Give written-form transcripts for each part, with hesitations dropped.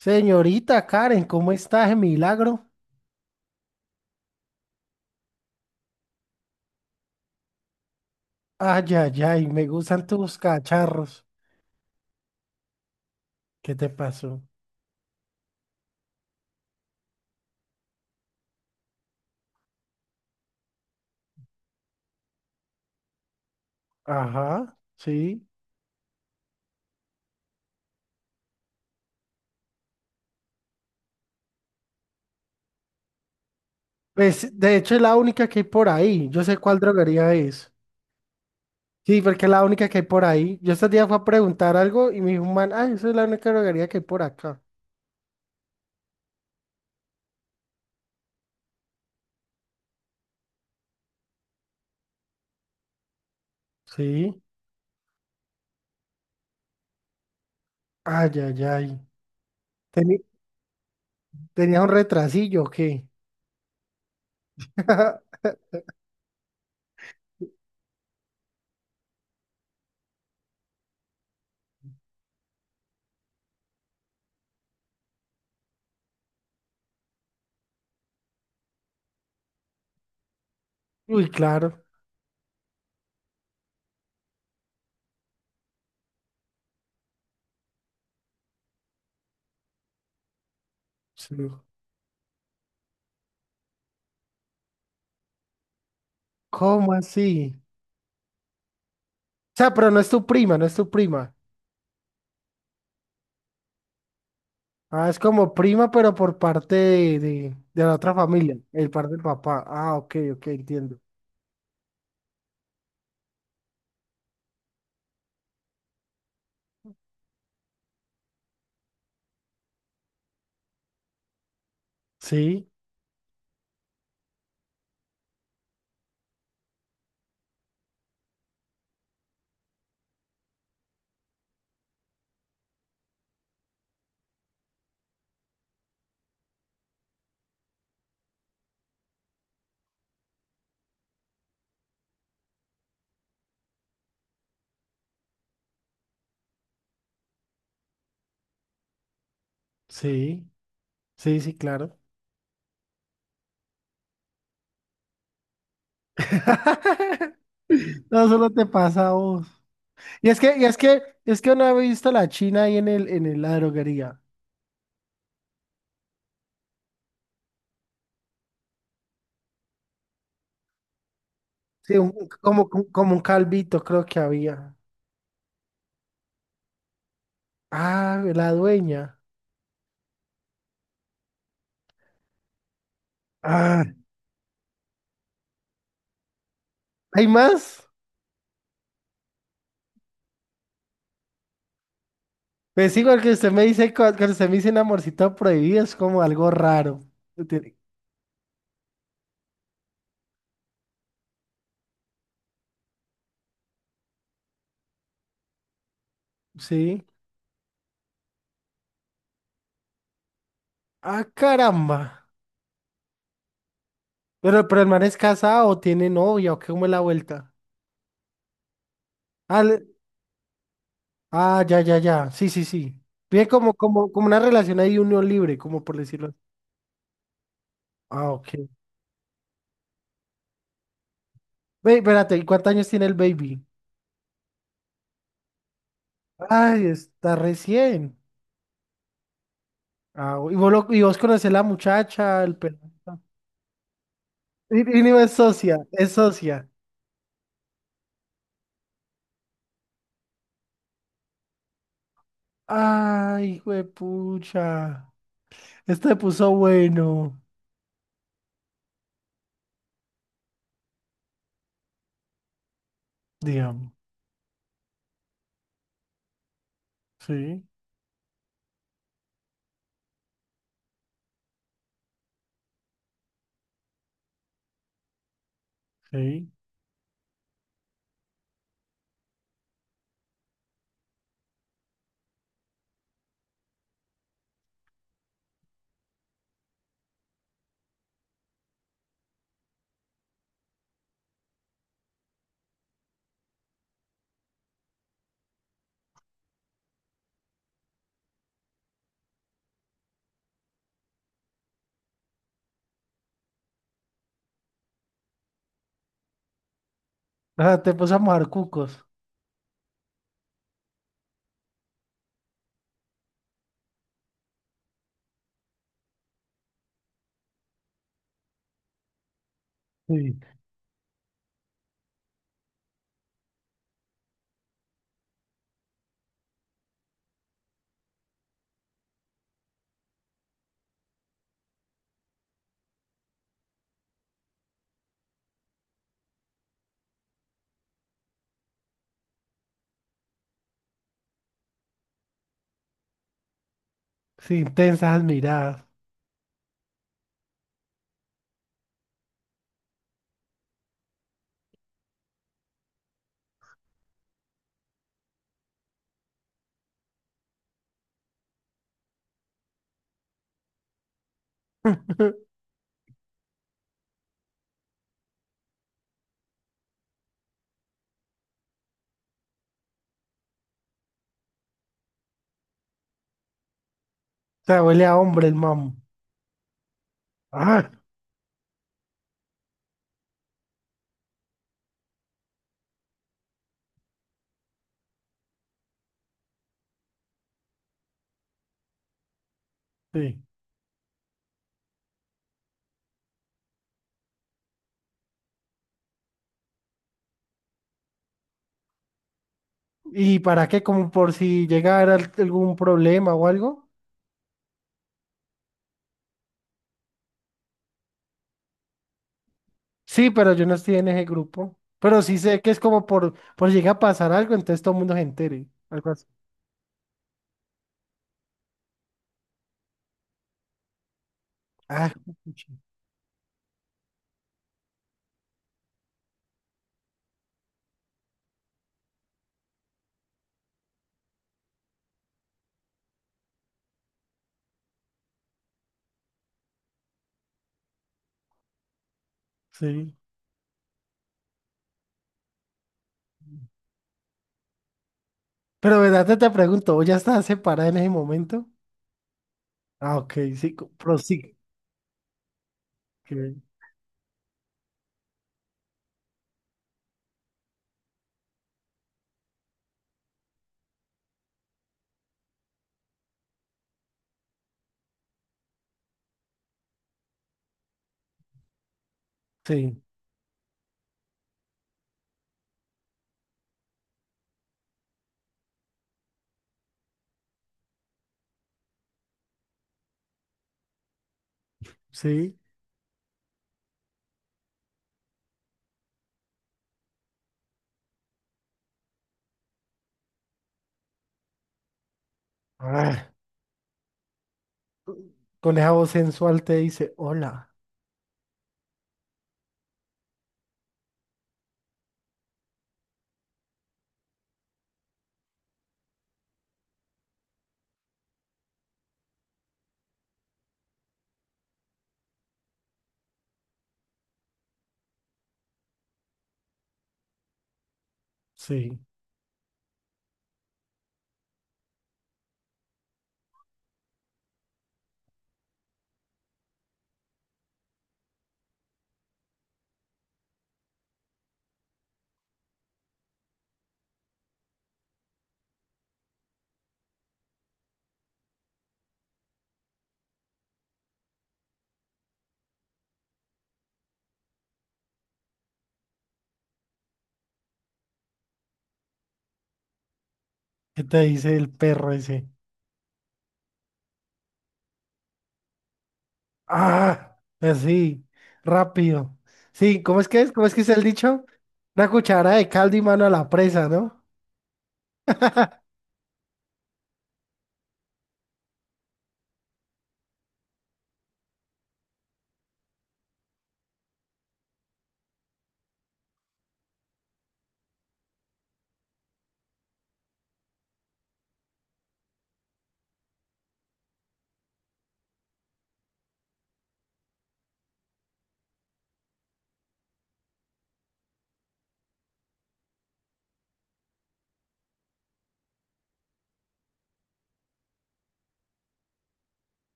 Señorita Karen, ¿cómo estás? De Milagro. Ay, ay, ay, me gustan tus cacharros. ¿Qué te pasó? Ajá, sí. Pues, de hecho, es la única que hay por ahí. Yo sé cuál droguería es. Sí, porque es la única que hay por ahí. Yo estos días fui a preguntar algo y me dijo un man, ay, esa es la única droguería que hay por acá. Sí. Ay, ay, ay. Teni- ¿Tenías un retrasillo o qué? Uy, claro. Sí. ¿Cómo así? O sea, pero no es tu prima, no es tu prima. Ah, es como prima, pero por parte de la otra familia, el par del papá. Ah, ok, ok, entiendo. Sí, sí, sí, sí, claro. No, solo te pasa a vos. Es que no he visto a la China ahí en la droguería. Sí, como, como un calvito, creo que había. Ah, la dueña. Ah, ¿hay más? Pues igual que usted me dice, cuando usted me dice un amorcito prohibido, es como algo raro. Tiene- Sí. Ah, caramba. Pero el man es casado o tiene novia o qué, cómo es la vuelta. Ah, le- ah, ya, ya, ya. Sí, sí, sí. Vive como, como, como una relación ahí unión libre, como por decirlo. Así. Ah, ok. Ve, espérate, ¿y cuántos años tiene el baby? Ay, está recién. Ah, y vos, y vos conocés la muchacha, el pelado. Y no es socia, es socia. Ay, hijo de pucha. Este se puso bueno, digamos. Sí, sí. Ah, te puso a mojar cucos. Sí. Sí, intensas miradas. O sea, huele a hombre el mamo. Ah, sí. ¿Y para qué? Como por si llegara algún problema o algo. Sí, pero yo no estoy en ese grupo. Pero sí sé que es como por si llega a pasar algo, entonces todo el mundo se entere. Algo así. Ah, pucha, sí. Pero verdad te, te pregunto, ¿vos ya estás separada en ese momento? Ah, ok, sí, prosigue. que- Sí, sí. Ah, con esa voz sensual te dice, hola. Sí. ¿Qué te dice el perro ese? Ah, así, rápido. Sí, ¿cómo es que es? ¿Cómo es que es el dicho? Una cuchara de caldo y mano a la presa, ¿no?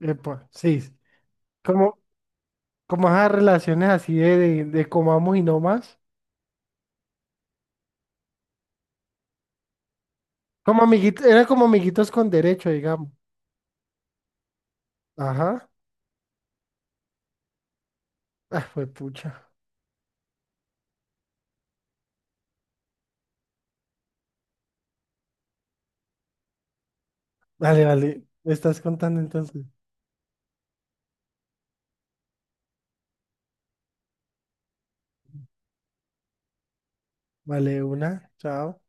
Epa, sí. Como, como esas relaciones así de, de comamos y no más. Como amiguitos, era como amiguitos con derecho, digamos. Ajá. Ah, fue pucha. Vale, vale. ¿Me estás contando entonces? Vale, una. Chao.